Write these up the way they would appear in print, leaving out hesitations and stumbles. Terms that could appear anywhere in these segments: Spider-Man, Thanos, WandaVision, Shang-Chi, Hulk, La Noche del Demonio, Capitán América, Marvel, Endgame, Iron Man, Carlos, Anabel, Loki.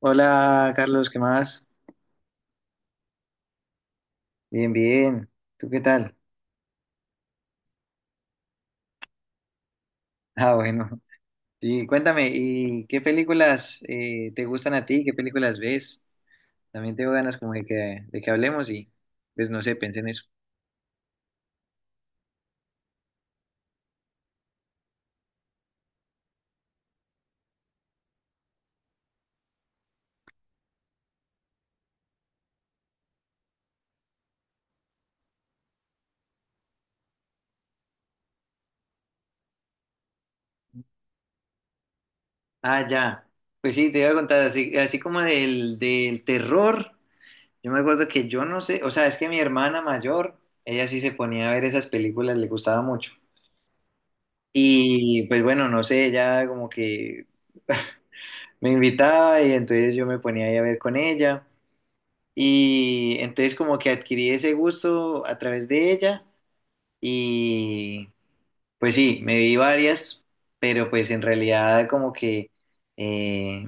Hola Carlos, ¿qué más? Bien, bien. ¿Tú qué tal? Ah, bueno. Y cuéntame, ¿y qué películas te gustan a ti? ¿Qué películas ves? También tengo ganas como de que hablemos y pues no sé, pensé en eso. Ah, ya. Pues sí, te iba a contar, así, así como del terror, yo me acuerdo que yo no sé, o sea, es que mi hermana mayor, ella sí se ponía a ver esas películas, le gustaba mucho. Y pues bueno, no sé, ella como que me invitaba y entonces yo me ponía ahí a ver con ella. Y entonces como que adquirí ese gusto a través de ella y pues sí, me vi varias, pero pues en realidad como que eh,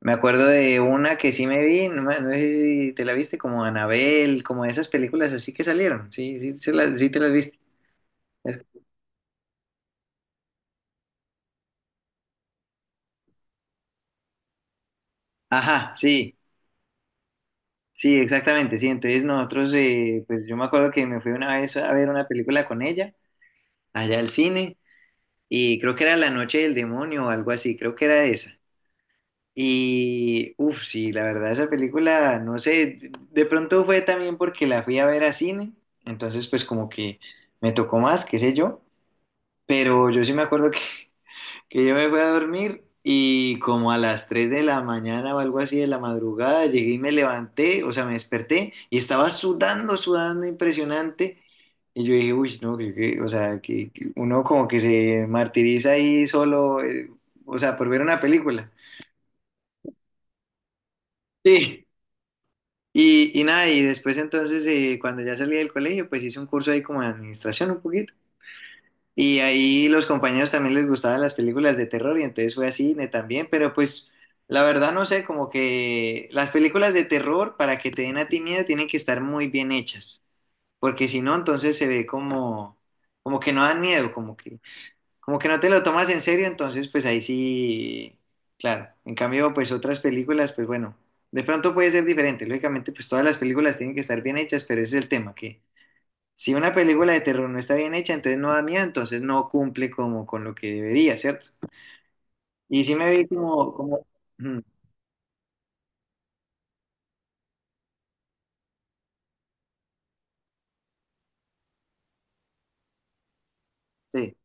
me acuerdo de una que sí me vi, no, no sé si te la viste, como Anabel, como esas películas así que salieron, sí, sí, sí te las viste. Es- Ajá, sí, sí, exactamente, sí, entonces nosotros, pues yo me acuerdo que me fui una vez a ver una película con ella, allá al cine. Y creo que era La Noche del Demonio o algo así, creo que era esa. Y, uff, sí, la verdad, esa película, no sé, de pronto fue también porque la fui a ver a cine, entonces pues como que me tocó más, qué sé yo, pero yo sí me acuerdo que yo me fui a dormir y como a las 3 de la mañana o algo así de la madrugada, llegué y me levanté, o sea, me desperté y estaba sudando, sudando impresionante. Y yo dije, uy, no, o sea, que uno como que se martiriza ahí solo, o sea, por ver una película. Sí. Y nada, y después entonces, cuando ya salí del colegio, pues hice un curso ahí como de administración un poquito. Y ahí los compañeros también les gustaban las películas de terror y entonces fue a cine también, pero pues la verdad no sé, como que las películas de terror para que te den a ti miedo tienen que estar muy bien hechas, porque si no entonces se ve como como que no dan miedo, como que no te lo tomas en serio, entonces pues ahí sí, claro. En cambio pues otras películas pues bueno, de pronto puede ser diferente, lógicamente pues todas las películas tienen que estar bien hechas, pero ese es el tema que si una película de terror no está bien hecha, entonces no da miedo, entonces no cumple como con lo que debería, ¿cierto? Y sí me vi mm, sí,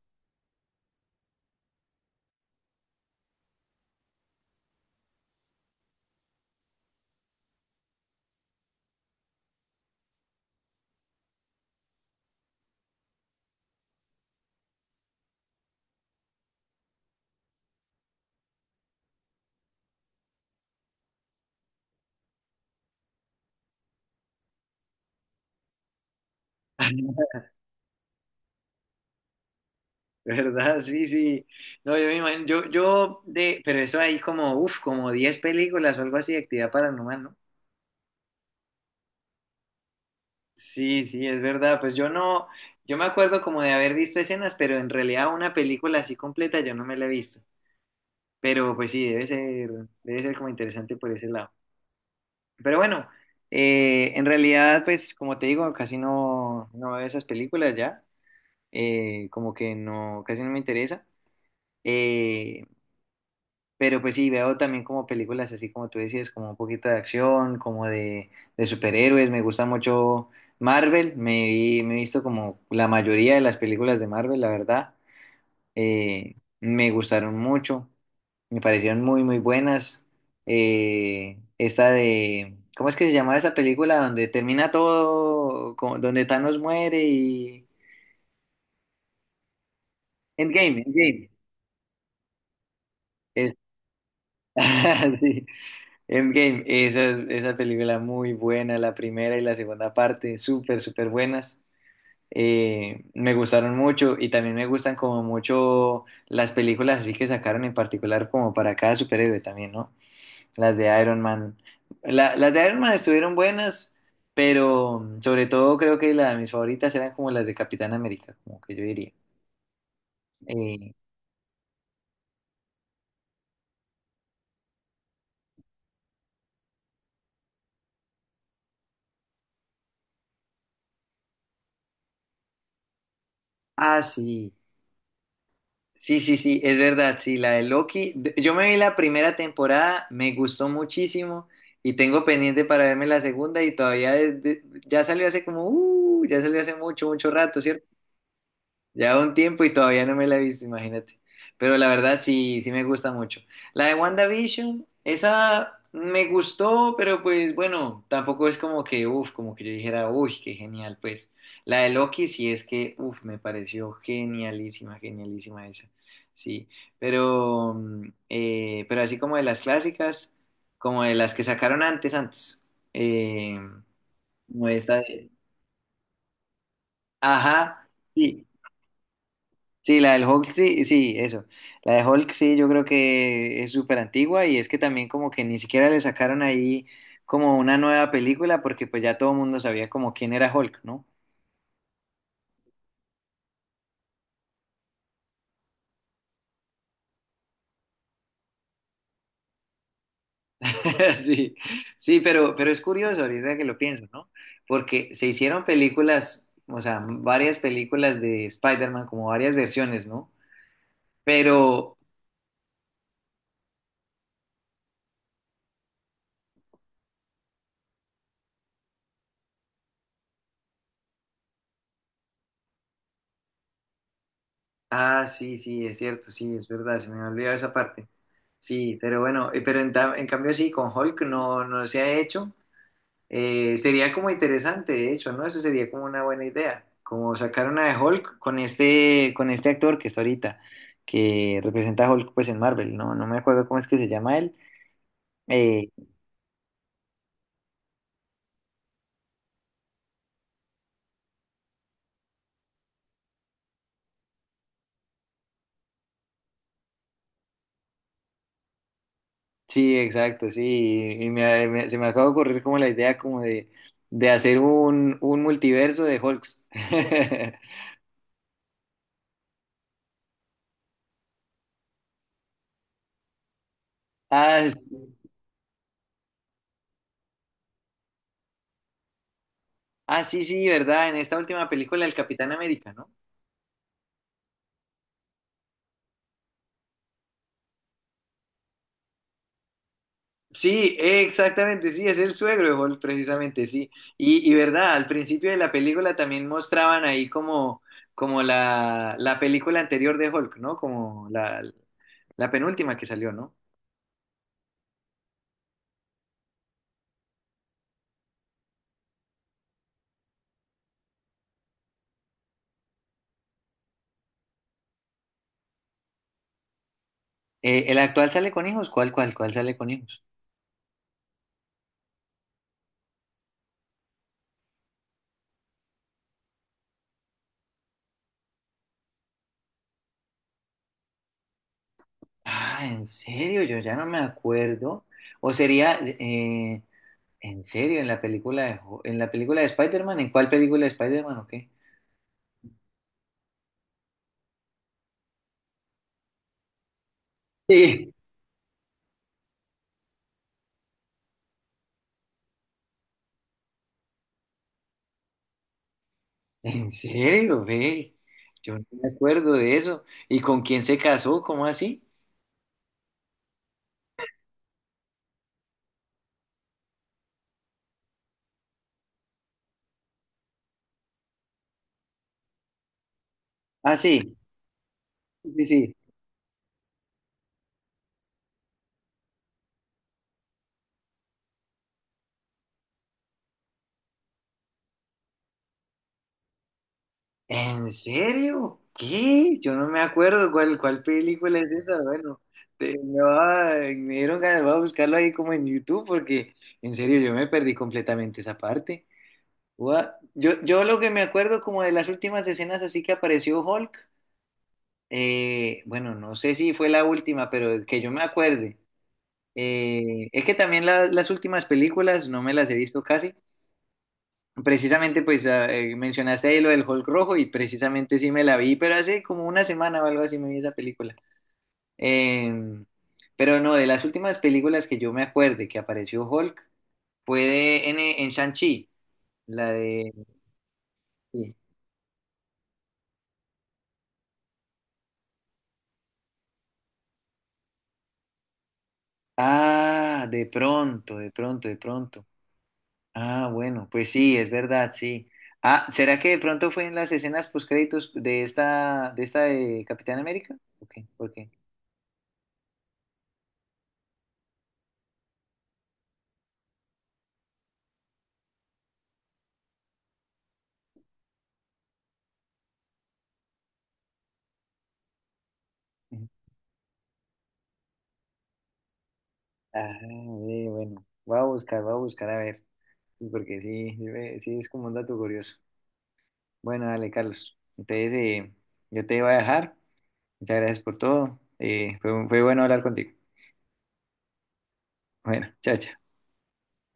¿verdad? Sí, sí. No, yo me imagino, pero eso hay como, uff, como 10 películas o algo así de actividad paranormal, ¿no? Sí, sí, es verdad. Pues yo no, yo me acuerdo como de haber visto escenas, pero en realidad una película así completa yo no me la he visto. Pero pues sí, debe ser como interesante por ese lado. Pero bueno, en realidad, pues como te digo, casi no, no veo esas películas ya, como que no, casi no me interesa. Eh, pero pues sí, veo también como películas así como tú decías, como un poquito de acción, de superhéroes, me gusta mucho Marvel, me he visto como la mayoría de las películas de Marvel, la verdad me gustaron mucho, me parecieron muy buenas. Esta de, ¿cómo es que se llamaba esa película donde termina todo, donde Thanos muere y... Endgame, Endgame. Es- sí, Endgame. Esa, esa película muy buena, la primera y la segunda parte, súper buenas. Me gustaron mucho y también me gustan como mucho las películas así que sacaron en particular como para cada superhéroe también, ¿no? Las de Iron Man. Las de Iron Man estuvieron buenas, pero sobre todo creo que mis favoritas eran como las de Capitán América, como que yo diría. Eh, ah, sí. Sí, sí, sí, es verdad, sí, la de Loki. Yo me vi la primera temporada, me gustó muchísimo y tengo pendiente para verme la segunda y todavía ya salió hace como, ya salió hace mucho rato, ¿cierto? Ya un tiempo y todavía no me la he visto, imagínate. Pero la verdad sí, sí me gusta mucho. La de WandaVision, esa me gustó, pero pues bueno, tampoco es como que, uff, como que yo dijera, uy, qué genial, pues. La de Loki sí es que, uff, me pareció genialísima, genialísima esa. Sí, pero, pero así como de las clásicas, como de las que sacaron antes. Eh, como esta, ajá. Sí, Sí, la del Hulk, sí, sí, eso. La de Hulk, sí, yo creo que es súper antigua y es que también como que ni siquiera le sacaron ahí como una nueva película porque pues ya todo el mundo sabía como quién era Hulk, ¿no? Sí, sí, pero es curioso ahorita que lo pienso, ¿no? Porque se hicieron películas, o sea, varias películas de Spider-Man, como varias versiones, ¿no? Pero, ah, sí, sí, es cierto, sí, es verdad, se me había olvidado esa parte. Sí, pero bueno, pero en cambio sí, con Hulk no, no se ha hecho. Sería como interesante, de hecho, ¿no? Eso sería como una buena idea, como sacar una de Hulk con este actor que está ahorita, que representa a Hulk pues en Marvel, ¿no? No me acuerdo cómo es que se llama él. Eh, sí, exacto, sí, y se me acaba de ocurrir como la idea como de hacer un multiverso de Hulks. Ah, sí, ah, sí, sí, ¿verdad? En esta última película, el Capitán América, ¿no? Sí, exactamente, sí, es el suegro de Hulk, precisamente, sí. Y verdad, al principio de la película también mostraban ahí como, como la película anterior de Hulk, ¿no? Como la penúltima que salió, ¿no? ¿El actual sale con hijos? Cuál sale con hijos? Ah, en serio, yo ya no me acuerdo. O sería, en serio, en la película de, en la película de Spider-Man, ¿en cuál película de Spider-Man o qué? ¿En serio, ve? Yo no me acuerdo de eso. ¿Y con quién se casó? ¿Cómo así? Ah, sí, sí, sí. ¿En serio? ¿Qué? Yo no me acuerdo cuál película es esa. Bueno, me dieron ganas, voy a buscarlo ahí como en YouTube porque en serio yo me perdí completamente esa parte. Yo, yo lo que me acuerdo como de las últimas escenas así que apareció Hulk, bueno, no sé si fue la última, pero que yo me acuerde. Es que también las últimas películas no me las he visto casi. Precisamente, pues ah, mencionaste ahí lo del Hulk rojo y precisamente sí me la vi, pero hace como una semana o algo así me vi esa película. Eh, pero no, de las últimas películas que yo me acuerde que apareció Hulk fue en Shang-Chi, la de... sí. Ah, de pronto, de pronto, de pronto. Ah, bueno, pues sí, es verdad, sí. Ah, ¿será que de pronto fue en las escenas postcréditos de esta, de esta de Capitán América? Ok, ¿por qué? Ujú. Ah, bueno, voy a buscar a ver, sí, porque sí, sí, sí es como un dato curioso. Bueno, dale, Carlos. Entonces, yo te voy a dejar. Muchas gracias por todo. Fue bueno hablar contigo. Bueno, chao, chao.